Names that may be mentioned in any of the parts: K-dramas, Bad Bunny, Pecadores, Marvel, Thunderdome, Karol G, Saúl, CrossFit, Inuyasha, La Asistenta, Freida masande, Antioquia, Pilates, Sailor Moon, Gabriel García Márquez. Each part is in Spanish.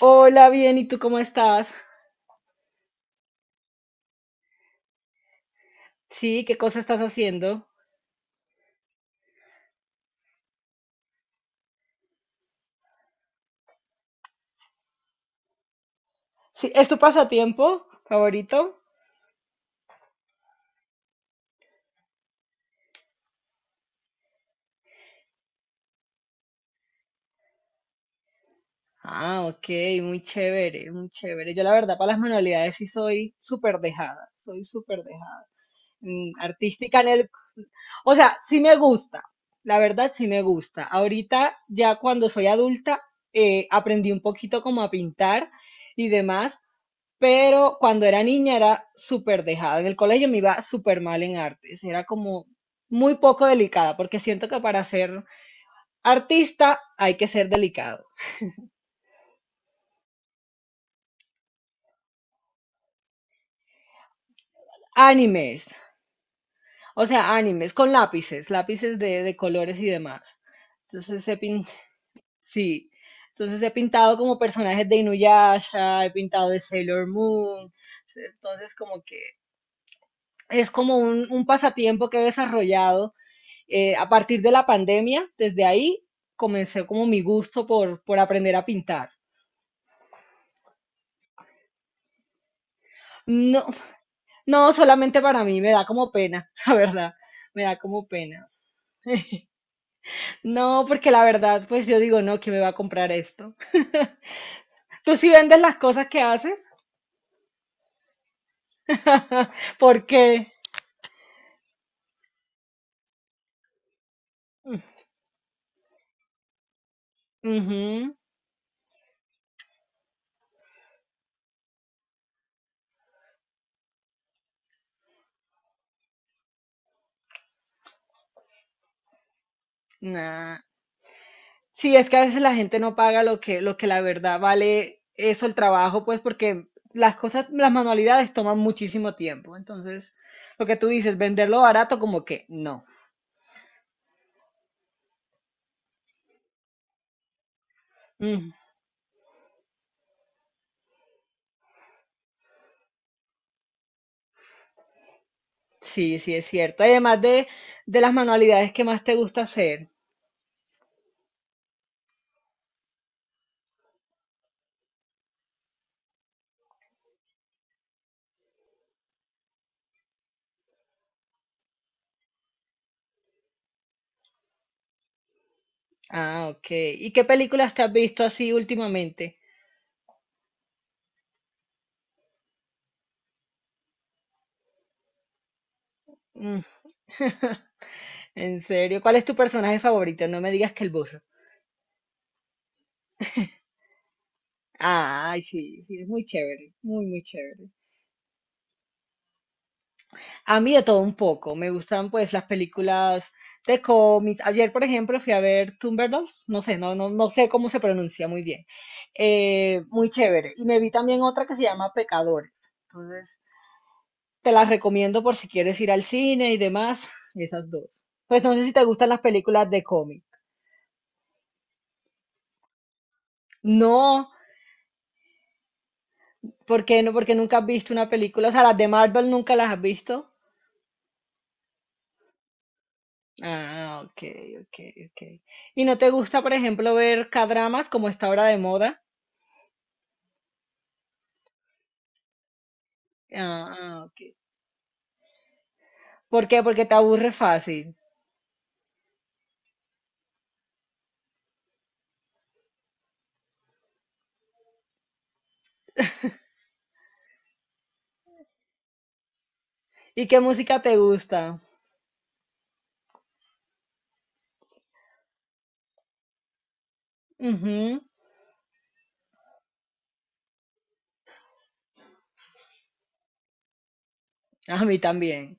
Hola, bien, ¿y tú cómo estás? Sí, ¿qué cosa estás haciendo? Sí, ¿es tu pasatiempo favorito? Ah, ok, muy chévere, muy chévere. Yo la verdad para las manualidades sí soy súper dejada, soy súper dejada. Mm, artística en el... O sea, sí me gusta, la verdad sí me gusta. Ahorita ya cuando soy adulta aprendí un poquito como a pintar y demás. Pero cuando era niña era súper dejada. En el colegio me iba súper mal en artes. Era como muy poco delicada, porque siento que para ser artista hay que ser delicado. Animes, o sea, animes con lápices, lápices de colores y demás. Entonces he pin- sí. Entonces he pintado como personajes de Inuyasha, he pintado de Sailor Moon. Entonces como que es como un pasatiempo que he desarrollado a partir de la pandemia. Desde ahí comencé como mi gusto por aprender a pintar. No, no, solamente para mí, me da como pena, la verdad, me da como pena. No, porque la verdad, pues yo digo, no, ¿quién me va a comprar esto? ¿Tú sí vendes las cosas que haces? ¿Por qué? Ujú, nah. Sí, es que a veces la gente no paga lo que la verdad vale eso, el trabajo, pues porque las cosas, las manualidades toman muchísimo tiempo. Entonces, lo que tú dices, venderlo barato como que no. Mm, sí, sí, es cierto. Además de las manualidades que más te gusta hacer. Ah, ok. ¿Y qué películas te has visto así últimamente? Mm, en serio, ¿cuál es tu personaje favorito? No me digas que el burro. Ay, sí, sí, es muy chévere, muy, muy chévere. A mí de todo un poco. Me gustan pues las películas de cómics. Ayer, por ejemplo, fui a ver Thunderdome. No sé, no sé cómo se pronuncia muy bien. Muy chévere. Y me vi también otra que se llama Pecadores. Entonces, te las recomiendo por si quieres ir al cine y demás. Esas dos. Pues no sé si te gustan las películas de cómics. No, ¿por qué no? Porque nunca has visto una película. O sea, las de Marvel nunca las has visto. Ah, ok, ok, ok. ¿Y no te gusta, por ejemplo, ver K-dramas como está ahora de moda? Ah, ah, ok. ¿Por qué? Porque te aburre fácil. ¿Y qué música te gusta? Ujú, a mí también.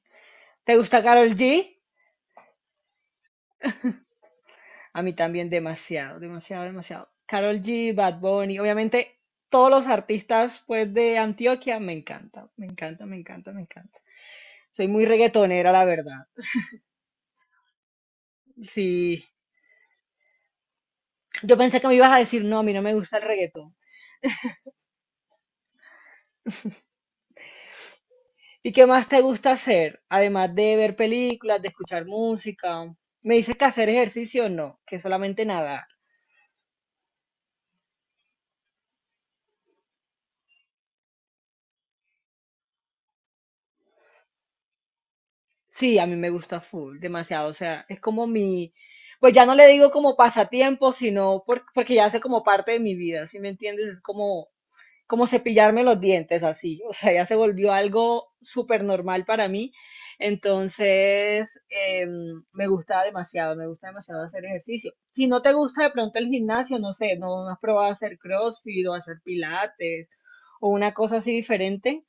¿Te gusta Karol G? A mí también demasiado, demasiado, demasiado. Karol G, Bad Bunny, obviamente todos los artistas pues de Antioquia me encanta, me encanta, me encanta, me encanta. Soy muy reggaetonera, la verdad. Sí. Yo pensé que me ibas a decir, no, a mí no me gusta el reggaetón. ¿Y qué más te gusta hacer? Además de ver películas, de escuchar música. Me dices que hacer ejercicio no, que solamente nadar. Sí, a mí me gusta full, demasiado. O sea, es como mi, pues ya no le digo como pasatiempo, sino porque ya hace como parte de mi vida, ¿sí me entiendes? Es como como cepillarme los dientes así, o sea, ya se volvió algo súper normal para mí. Entonces, me gusta demasiado hacer ejercicio. Si no te gusta de pronto el gimnasio, no sé, no has probado hacer CrossFit o hacer pilates o una cosa así diferente.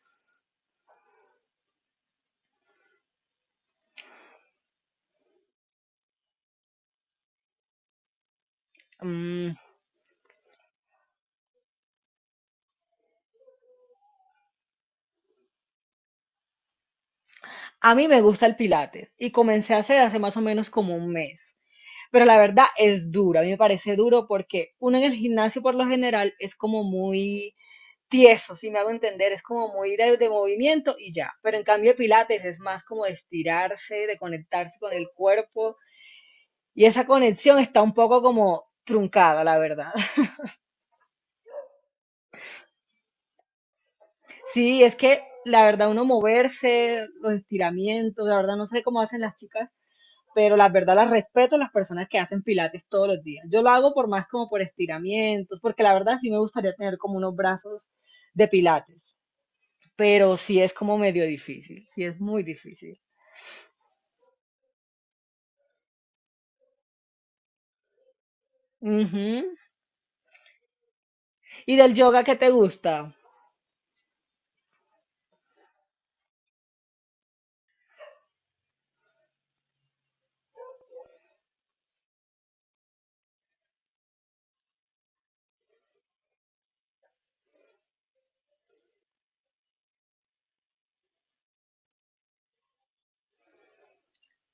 Mm, a mí me gusta el pilates y comencé a hacer hace más o menos como un mes. Pero la verdad es duro, a mí me parece duro porque uno en el gimnasio por lo general es como muy tieso, si me hago entender, es como muy de movimiento y ya. Pero en cambio pilates es más como de estirarse, de conectarse con el cuerpo, y esa conexión está un poco como truncada, la verdad. Sí, es que la verdad uno moverse, los estiramientos, la verdad no sé cómo hacen las chicas, pero la verdad las respeto a las personas que hacen pilates todos los días. Yo lo hago por más como por estiramientos, porque la verdad sí me gustaría tener como unos brazos de pilates, pero sí es como medio difícil, sí es muy difícil. Ujú. ¿Y del yoga qué te gusta?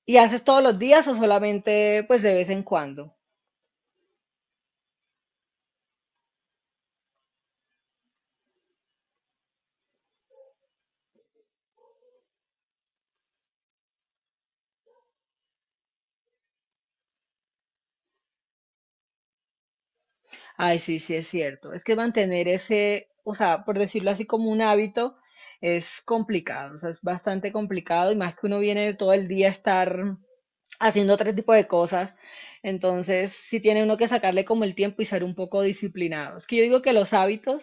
¿Y haces todos los días o solamente pues de vez en cuando? Ay, sí, sí, es cierto. Es que mantener ese, o sea, por decirlo así como un hábito, es complicado, o sea, es bastante complicado y más que uno viene todo el día a estar haciendo otro tipo de cosas. Entonces, sí tiene uno que sacarle como el tiempo y ser un poco disciplinado. Es que yo digo que los hábitos,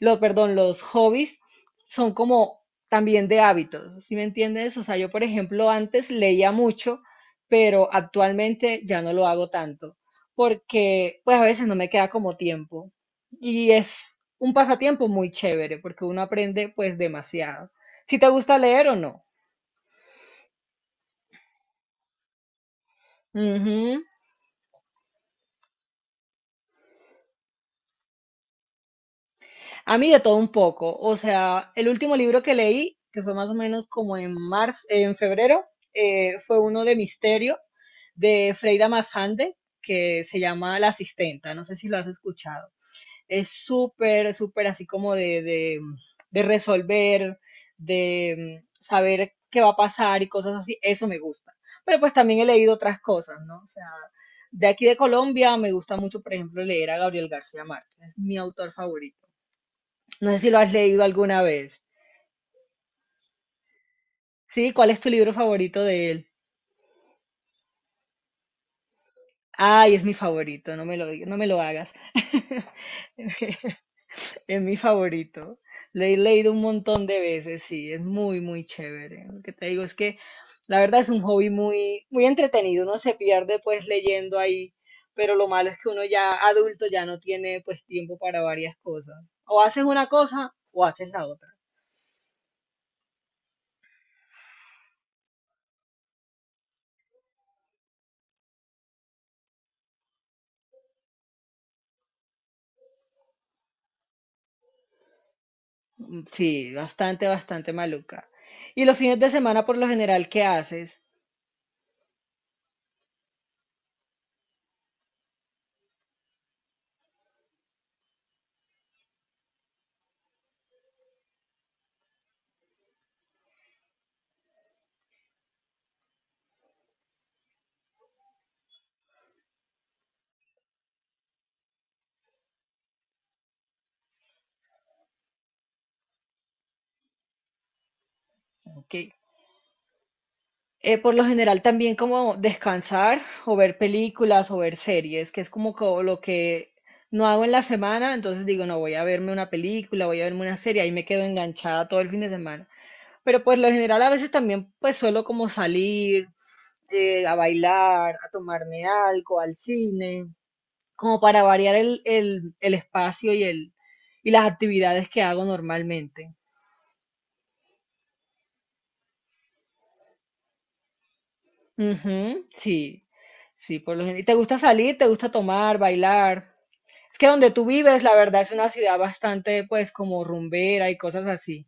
los, perdón, los hobbies son como también de hábitos, ¿sí me entiendes? O sea, yo, por ejemplo, antes leía mucho, pero actualmente ya no lo hago tanto porque pues a veces no me queda como tiempo. Y es un pasatiempo muy chévere porque uno aprende pues demasiado. Si te gusta leer o no. Ujú. A mí de todo un poco. O sea, el último libro que leí, que fue más o menos como en marzo, en febrero, fue uno de misterio de Freida masande que se llama La Asistenta. No sé si lo has escuchado. Es súper, súper así como de resolver, de saber qué va a pasar y cosas así. Eso me gusta. Pero pues también he leído otras cosas, ¿no? O sea, de aquí de Colombia me gusta mucho, por ejemplo, leer a Gabriel García Márquez. Es mi autor favorito. No sé si lo has leído alguna vez. ¿Sí? ¿Cuál es tu libro favorito de él? Ay, es mi favorito, no me lo, no me lo hagas. Es mi favorito. Le he leído un montón de veces, sí, es muy, muy chévere. Lo que te digo es que la verdad es un hobby muy, muy entretenido. Uno se pierde pues leyendo ahí, pero lo malo es que uno ya adulto ya no tiene pues tiempo para varias cosas. O haces una cosa o haces la otra. Mm, sí, bastante, bastante maluca. ¿Y los fines de semana por lo general qué haces? Ok. Por lo general también como descansar o ver películas o ver series, que es como, lo que no hago en la semana, entonces digo, no, voy a verme una película, voy a verme una serie, ahí me quedo enganchada todo el fin de semana. Pero por lo general a veces también pues suelo como salir a bailar, a tomarme algo, al cine, como para variar el espacio y las actividades que hago normalmente. Ujú, sí, sí, por lo general. ¿Y te gusta salir? ¿Te gusta tomar, bailar? Es que donde tú vives, la verdad, es una ciudad bastante, pues, como rumbera y cosas así.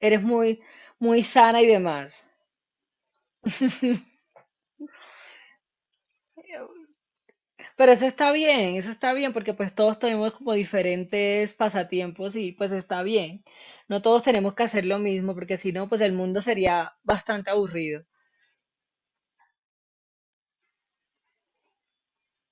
Eres muy, muy sana y demás. Pero eso está bien, porque pues todos tenemos como diferentes pasatiempos y pues está bien. No todos tenemos que hacer lo mismo, porque si no, pues el mundo sería bastante aburrido.